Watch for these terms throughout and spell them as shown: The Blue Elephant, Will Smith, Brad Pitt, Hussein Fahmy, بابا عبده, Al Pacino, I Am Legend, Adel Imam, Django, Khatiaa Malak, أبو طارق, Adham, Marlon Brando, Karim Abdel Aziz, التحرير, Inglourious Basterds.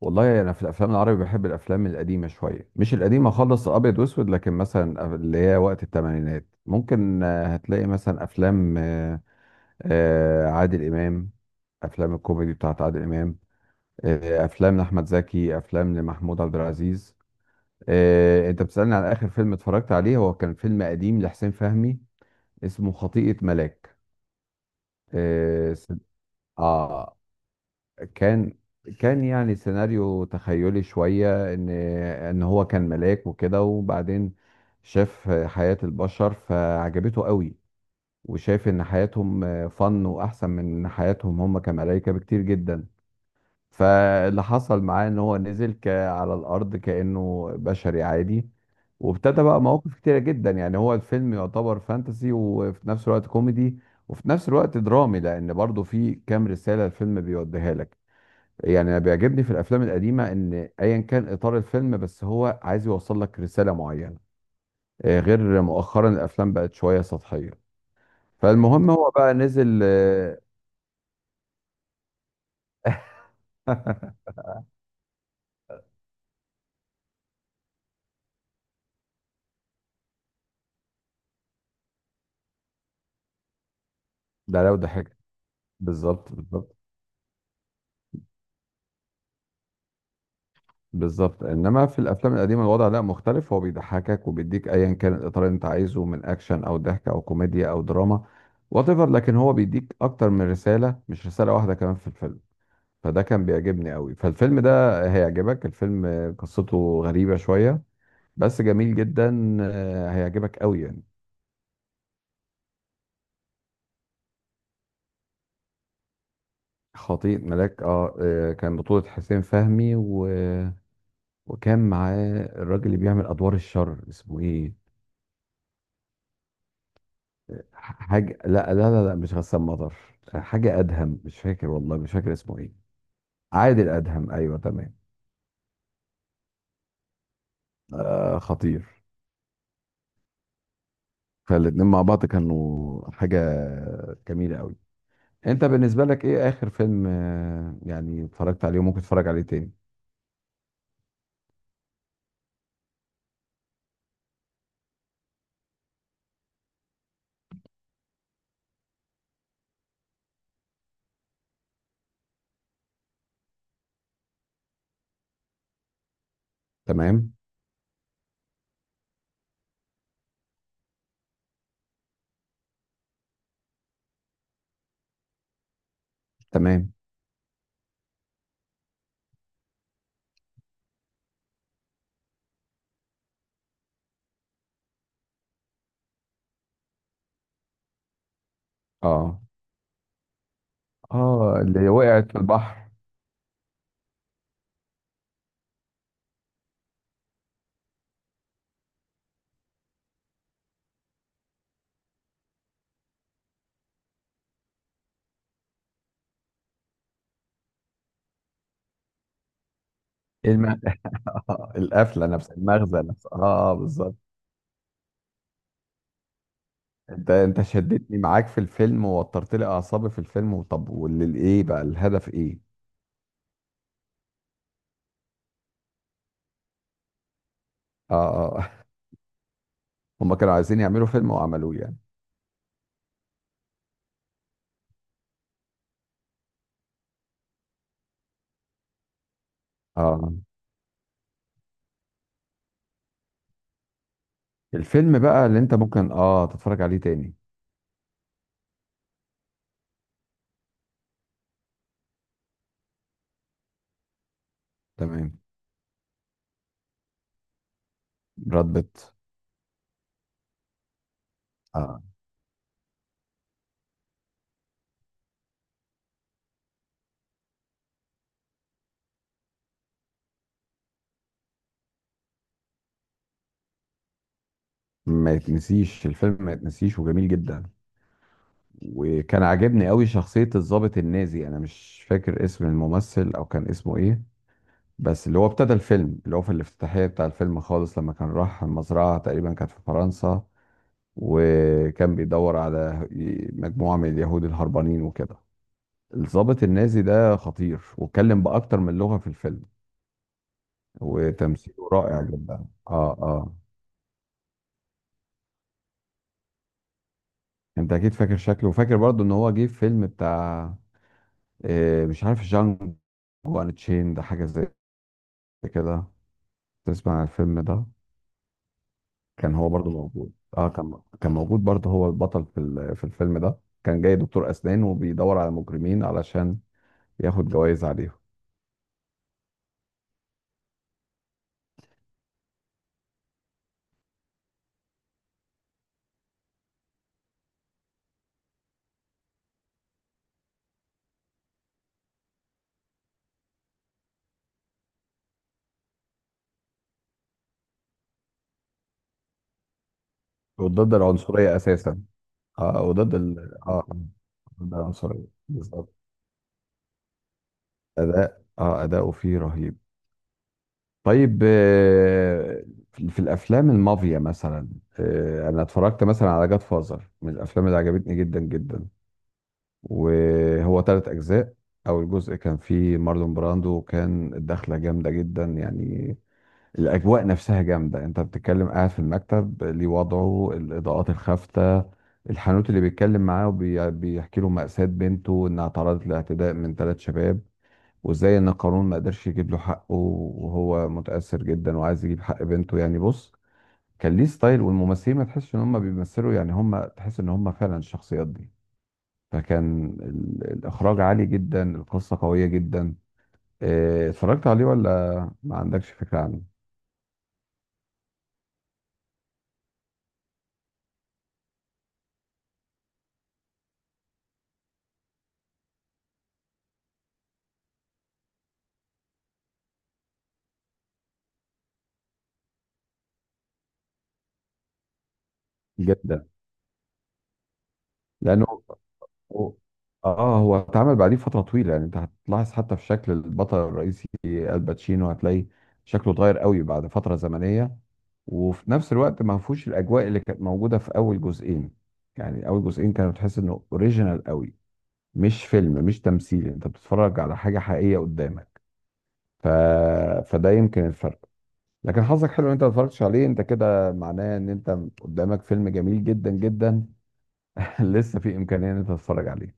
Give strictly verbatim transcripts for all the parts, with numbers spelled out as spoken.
والله انا في الافلام العربي بحب الافلام القديمه شويه، مش القديمه خالص، ابيض واسود، لكن مثلا اللي هي وقت الثمانينات ممكن آه، هتلاقي مثلا افلام آه، آه، عادل امام، افلام الكوميدي بتاعت عادل امام، آه، افلام لاحمد زكي، افلام لمحمود عبد العزيز. آه، انت بتسالني على اخر فيلم اتفرجت عليه، هو كان فيلم قديم لحسين فهمي اسمه خطيئه ملاك. اه س- آه، كان كان يعني سيناريو تخيلي شوية، ان ان هو كان ملاك وكده، وبعدين شاف حياة البشر فعجبته قوي، وشاف ان حياتهم فن واحسن من حياتهم هم كملائكة بكتير جدا. فاللي حصل معاه ان هو نزل ك- على الارض كأنه بشري عادي، وابتدى بقى مواقف كتيرة جدا. يعني هو الفيلم يعتبر فانتسي، وفي نفس الوقت كوميدي، وفي نفس الوقت درامي، لان برضه في كام رسالة الفيلم بيوديها لك. يعني انا بيعجبني في الافلام القديمه ان ايا كان اطار الفيلم بس هو عايز يوصل لك رساله معينه. آه، غير مؤخرا الافلام بقت شويه سطحيه. فالمهم هو بقى نزل آه، ده لو ضحك. بالظبط، بالظبط، بالظبط، انما في الافلام القديمه الوضع لا مختلف، هو بيضحكك وبيديك ايا كان الاطار اللي انت عايزه من اكشن او ضحك او كوميديا او دراما، وات ايفر، لكن هو بيديك اكتر من رساله، مش رساله واحده كمان في الفيلم. فده كان بيعجبني قوي، فالفيلم ده هيعجبك. الفيلم قصته غريبة شوية، بس جميل جدا، آه، هيعجبك قوي يعني. خطيب ملاك، اه، آه، كان بطولة حسين فهمي و... وكان معاه الراجل اللي بيعمل أدوار الشر اسمه ايه؟ حاجة، لا لا لا, لا مش غسان مطر. حاجة أدهم، مش فاكر، والله مش فاكر اسمه ايه. عادل أدهم، أيوه تمام. آه خطير. فالاتنين مع بعض كانوا حاجة جميلة قوي. انت بالنسبه لك ايه اخر فيلم آه، يعني اتفرجت عليه وممكن تتفرج عليه تاني؟ تمام، تمام. اه، اه، اللي وقعت في البحر. ايه الم... القفله نفسها، المغزى نفسها، اه، اه، بالظبط. انت انت شدتني معاك في الفيلم ووترت لي اعصابي في الفيلم، وطب والايه بقى الهدف ايه؟ اه، اه. هم كانوا عايزين يعملوا فيلم وعملوه يعني. اه، الفيلم بقى اللي انت ممكن اه تتفرج عليه تاني. تمام. براد بيت. اه، ما يتنسيش الفيلم، ما يتنسيش، وجميل جدا. وكان عاجبني قوي شخصية الضابط النازي، انا مش فاكر اسم الممثل او كان اسمه ايه، بس اللي هو ابتدى الفيلم اللي هو في الافتتاحية بتاع الفيلم خالص، لما كان راح المزرعة تقريبا كانت في فرنسا، وكان بيدور على مجموعة من اليهود الهربانين وكده. الضابط النازي ده خطير، واتكلم بأكتر من لغة في الفيلم، وتمثيله رائع جدا. اه، اه. انت اكيد فاكر شكله، وفاكر برضه ان هو جه في فيلم بتاع آه، مش عارف جانجو، وان تشين ده حاجة زي كده. تسمع عن الفيلم ده؟ كان هو برضو موجود. اه، كان كان موجود برضو، هو البطل في ال- في الفيلم ده. كان جاي دكتور اسنان، وبيدور على مجرمين علشان ياخد جوائز عليهم، وضد العنصريه اساسا. اه، وضد ال اه آه، ضد العنصريه بالظبط. اداء، اه اداؤه فيه رهيب. طيب، آه، في في الافلام المافيا مثلا، آه، انا اتفرجت مثلا على جاد فازر، من الافلام اللي عجبتني جدا جدا، وهو تلات أجزاء. أول جزء كان فيه مارلون براندو، وكان الدخلة جامدة جدا يعني، الأجواء نفسها جامدة، أنت بتتكلم قاعد في المكتب ليه وضعه الإضاءات الخافتة، الحانوت اللي بيتكلم معاه وبيحكي له مأساة بنته إنها تعرضت لاعتداء من ثلاث شباب، وإزاي إن القانون ما قدرش يجيب له حقه، وهو متأثر جدا وعايز يجيب حق بنته. يعني بص، كان ليه ستايل، والممثلين ما تحسش إن هم بيمثلوا، يعني هم تحس إن هم فعلا الشخصيات دي. فكان ال- الإخراج عالي جدا، القصة قوية جدا. آه، اتفرجت عليه ولا ما عندكش فكرة عنه؟ جدا. لأنه هو- اه هو اتعمل بعديه فترة طويلة. يعني انت هتلاحظ حتى في شكل البطل الرئيسي الباتشينو، هتلاقي شكله اتغير قوي بعد فترة زمنية، وفي نفس الوقت ما فيهوش الأجواء اللي كانت موجودة في أول جزئين. يعني أول جزئين كانوا تحس إنه أوريجينال قوي، مش فيلم، مش تمثيل، أنت بتتفرج على حاجة حقيقية قدامك. ف... فده يمكن الفرق. لكن حظك حلو ان انت ما اتفرجتش عليه، انت كده معناه ان انت قدامك فيلم جميل جدا جدا. لسه في امكانيه ان انت تتفرج عليه.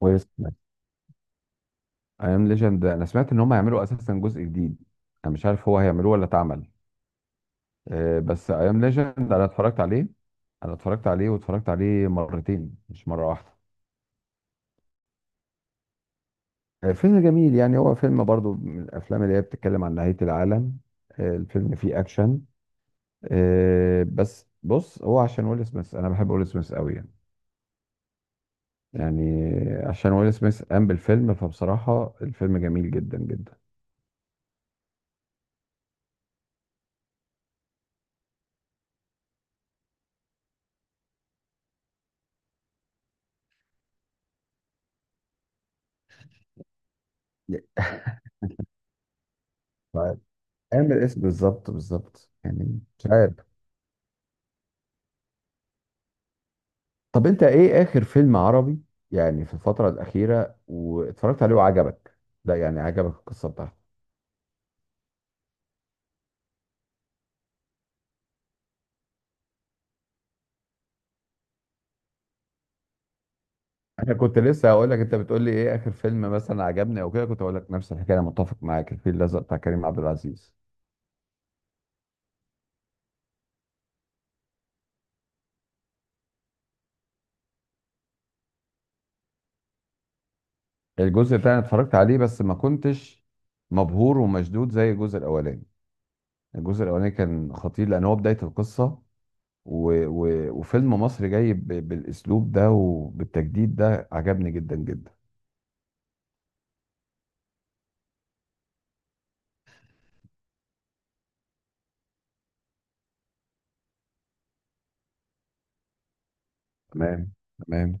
كويس. اي ام ليجند، انا سمعت ان هم هيعملوا اساسا جزء جديد، انا مش عارف هو هيعملوه ولا اتعمل. آه، بس اي ام ليجند انا اتفرجت عليه، انا اتفرجت عليه، واتفرجت عليه مرتين مش مره واحده. آه، فيلم جميل، يعني هو فيلم برضو من الافلام اللي هي بتتكلم عن نهايه العالم. آه، الفيلم فيه اكشن، آه، بس بص هو عشان ويل سميث، انا بحب ويل سميث قوي يعني. يعني عشان ويل سميث قام بالفيلم، فبصراحة الفيلم جميل جدا جدا. طيب، قام الاسم بالظبط، بالظبط، يعني مش عارف. طب انت ايه اخر فيلم عربي يعني في الفترة الأخيرة واتفرجت عليه وعجبك؟ لا يعني، عجبك القصة بتاعته؟ انا كنت لسه هقول لك، انت بتقول لي ايه اخر فيلم مثلا عجبني او كده، كنت هقول لك نفس الحكاية، انا متفق معاك، الفيل الازرق بتاع كريم عبد العزيز. الجزء الثاني اتفرجت عليه، بس ما كنتش مبهور ومشدود زي الجزء الاولاني. الجزء الاولاني كان خطير لان هو بداية القصة، و... و... وفيلم مصري جاي ب... بالاسلوب ده وبالتجديد ده، عجبني جدا جدا. تمام، تمام،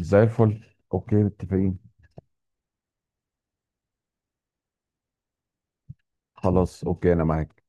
زي الفل. اوكي متفقين. خلاص اوكي انا معاك.